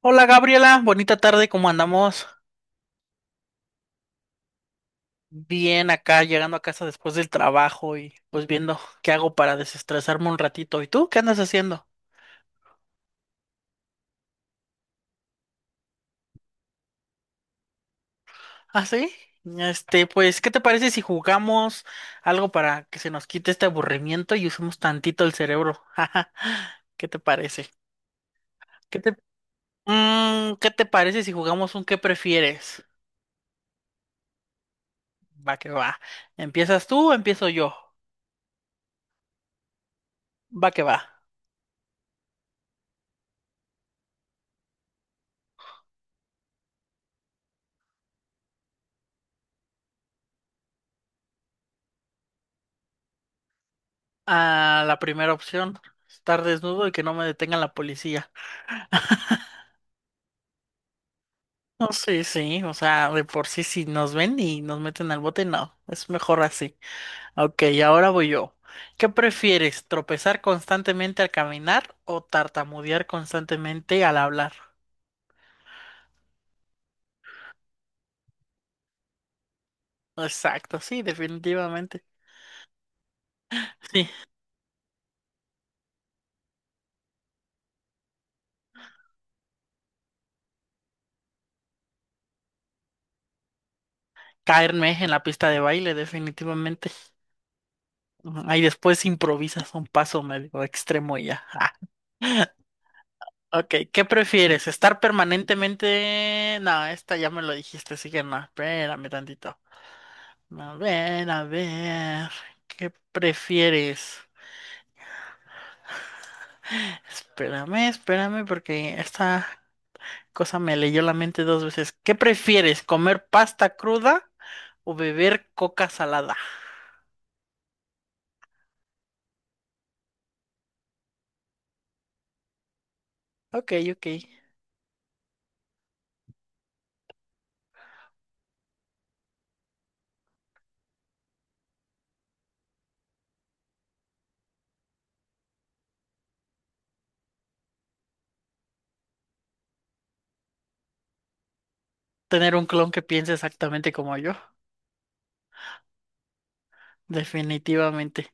Hola Gabriela, bonita tarde, ¿cómo andamos? Bien acá, llegando a casa después del trabajo y pues viendo qué hago para desestresarme un ratito. ¿Y tú qué andas haciendo? ¿Ah, sí? Este, pues, ¿qué te parece si jugamos algo para que se nos quite este aburrimiento y usemos tantito el cerebro? ¿Qué te parece? ¿Qué te, ¿Qué te parece si jugamos un qué prefieres? Va que va. ¿Empiezas tú o empiezo yo? Va que va. A la primera opción, estar desnudo y que no me detenga la policía. No, sí, sí, o sea, de por sí si nos ven y nos meten al bote, no, es mejor así. Ok, ahora voy yo. ¿Qué prefieres, tropezar constantemente al caminar o tartamudear constantemente al hablar? Exacto, sí, definitivamente. Sí, caerme en la pista de baile, definitivamente. Ahí después improvisas un paso medio extremo y ya. Ok, ¿qué prefieres? ¿Estar permanentemente...? No, esta ya me lo dijiste, así que no, espérame tantito. A ver, ¿qué prefieres? Espérame, espérame, porque esta cosa me leyó la mente dos veces. ¿Qué prefieres? ¿Comer pasta cruda o beber coca salada? Ok, ok. Tener un clon que piense exactamente como yo, definitivamente.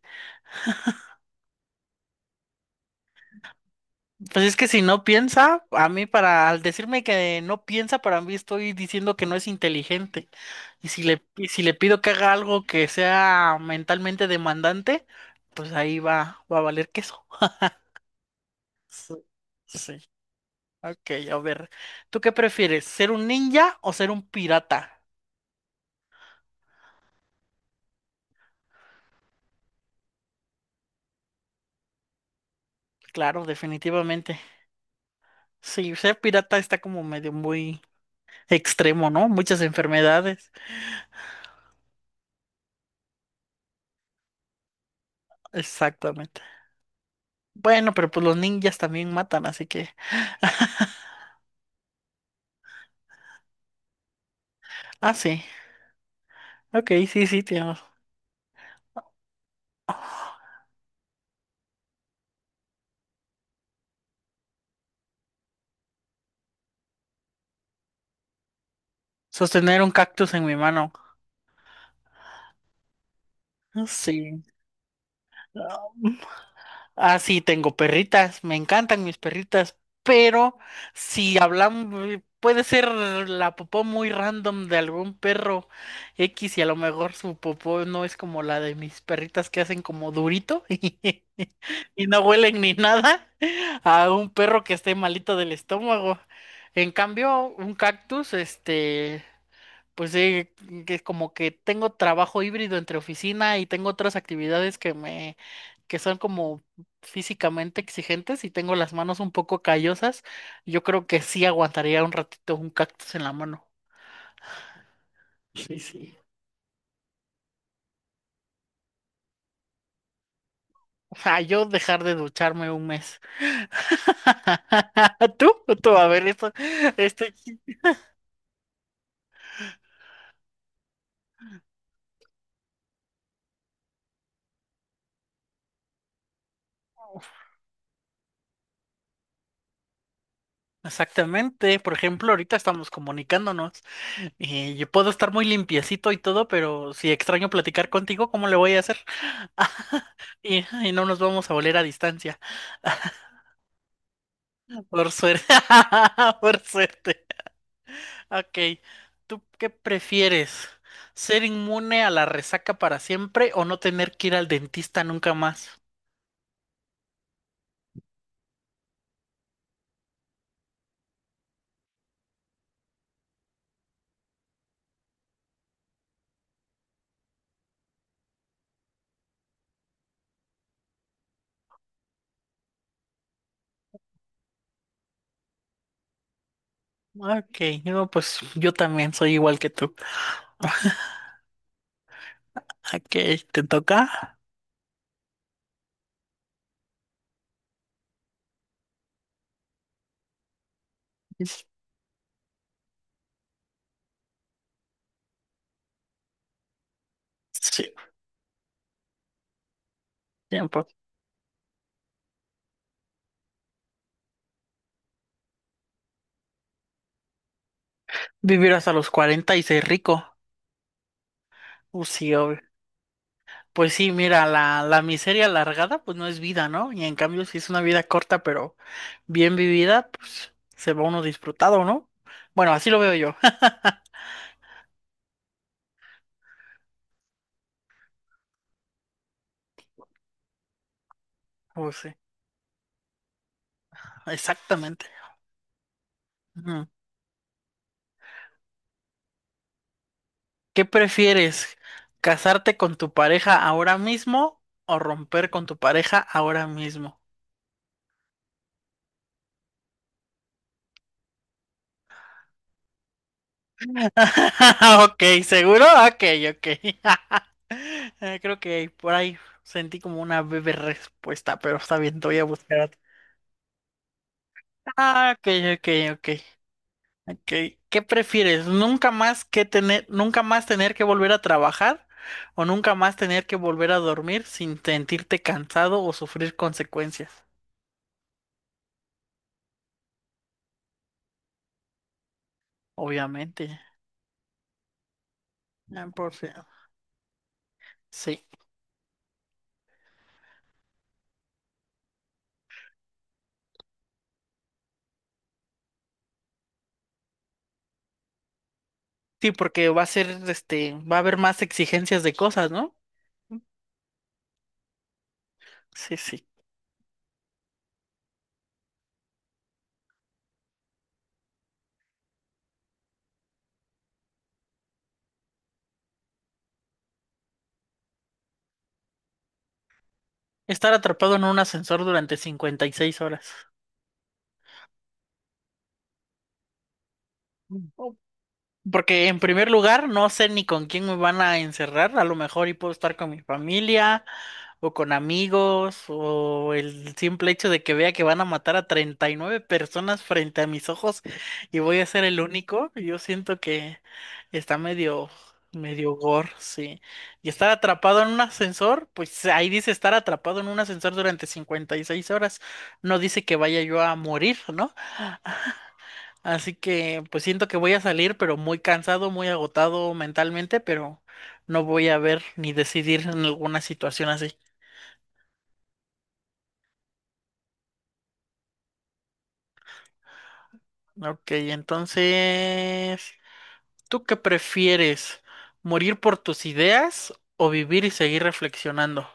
Pues es que si no piensa, a mí para, al decirme que no piensa, para mí estoy diciendo que no es inteligente. Y si le pido que haga algo que sea mentalmente demandante, pues ahí va, va a valer queso. Sí. Sí. Ok, a ver. ¿Tú qué prefieres? ¿Ser un ninja o ser un pirata? Claro, definitivamente. Sí, ser pirata está como medio muy extremo, ¿no? Muchas enfermedades. Exactamente. Bueno, pero pues los ninjas también matan, así que. Ah, sí. Ok, sí, sí, tío. Sostener un cactus en mi mano. Ah, sí. Um, Ah, sí, tengo perritas. Me encantan mis perritas. Pero si hablamos, puede ser la popó muy random de algún perro X y a lo mejor su popó no es como la de mis perritas que hacen como durito y no huelen ni nada a un perro que esté malito del estómago. En cambio, un cactus, este, pues sí, que como que tengo trabajo híbrido entre oficina y tengo otras actividades que son como físicamente exigentes y tengo las manos un poco callosas. Yo creo que sí aguantaría un ratito un cactus en la mano. Sí, sí. O sea, yo dejar de ducharme un mes. Tú, tú, a ver, esto. Exactamente. Por ejemplo, ahorita estamos comunicándonos y yo puedo estar muy limpiecito y todo, pero si extraño platicar contigo, ¿cómo le voy a hacer? Y no nos vamos a volver a distancia. Por suerte. Por suerte. Ok. ¿Tú qué prefieres? ¿Ser inmune a la resaca para siempre o no tener que ir al dentista nunca más? Ok, no, pues yo también soy igual que tú. Ok, ¿te toca? Sí, tiempo. Vivir hasta los 40 y ser rico. Sí, obvio. Pues sí, mira, la miseria alargada pues no es vida, ¿no? Y en cambio si es una vida corta pero bien vivida, pues se va uno disfrutado, ¿no? Bueno, así lo veo yo. Pues sí, exactamente. Ujú. ¿Qué prefieres? ¿Casarte con tu pareja ahora mismo o romper con tu pareja ahora mismo? Ok, ¿seguro? Ok, ok. Creo que por ahí sentí como una breve respuesta, pero está bien, te voy a buscar otra. Ah, ok, ok, ok. Ok, ¿qué prefieres? ¿ Nunca más tener que volver a trabajar o nunca más tener que volver a dormir sin sentirte cansado o sufrir consecuencias? Obviamente. Ah, por si- Sí. Sí, porque va a ser, este, va a haber más exigencias de cosas, ¿no? Sí, sí. Estar atrapado en un ascensor durante 56 horas. Porque en primer lugar, no sé ni con quién me van a encerrar. A lo mejor y puedo estar con mi familia o con amigos o el simple hecho de que vea que van a matar a 39 personas frente a mis ojos y voy a ser el único. Yo siento que está medio gore, sí. Y estar atrapado en un ascensor, pues ahí dice estar atrapado en un ascensor durante 56 horas. No dice que vaya yo a morir, ¿no? Así que pues siento que voy a salir, pero muy cansado, muy agotado mentalmente, pero no voy a ver ni decidir en alguna situación así. Ok, entonces, ¿tú qué prefieres? ¿Morir por tus ideas o vivir y seguir reflexionando?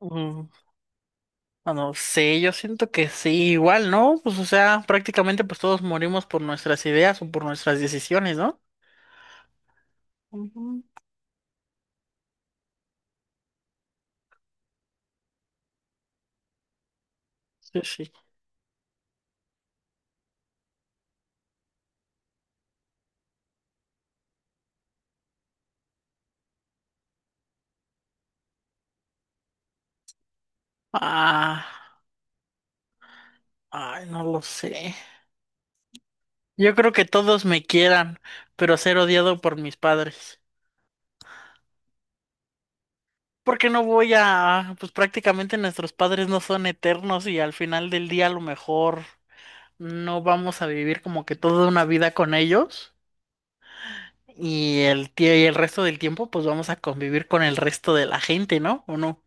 Mm, no sé, yo siento que sí, igual, ¿no? Pues o sea, prácticamente pues todos morimos por nuestras ideas o por nuestras decisiones, ¿no? Ujú. Sí, sí. Ah, ay, no lo sé. Yo creo que todos me quieran, pero ser odiado por mis padres. Porque no voy a, pues prácticamente nuestros padres no son eternos y al final del día a lo mejor no vamos a vivir como que toda una vida con ellos y y el resto del tiempo pues vamos a convivir con el resto de la gente, ¿no? ¿O no?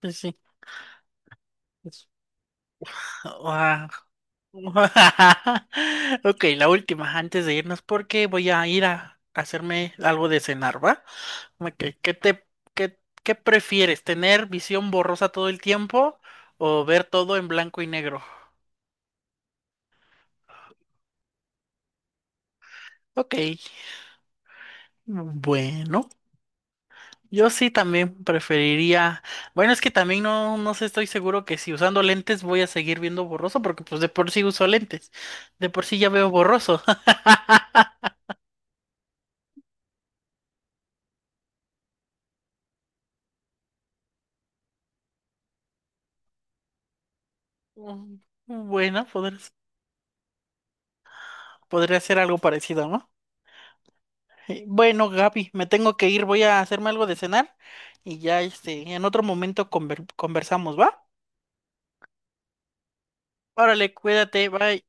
Pues sí. Pues, ah, ok, la última antes de irnos porque voy a ir a hacerme algo de cenar, ¿va? Ok, ¿qué prefieres? ¿Tener visión borrosa todo el tiempo o ver todo en blanco y negro? Ok, bueno, yo sí también preferiría. Bueno, es que también no, no sé, estoy seguro que si usando lentes voy a seguir viendo borroso, porque pues de por sí uso lentes. De por sí ya veo borroso. Mm, Bueno, podría ser algo parecido, ¿no? Bueno, Gaby, me tengo que ir, voy a hacerme algo de cenar y ya este, en otro momento conversamos, ¿va? Órale, cuídate, bye.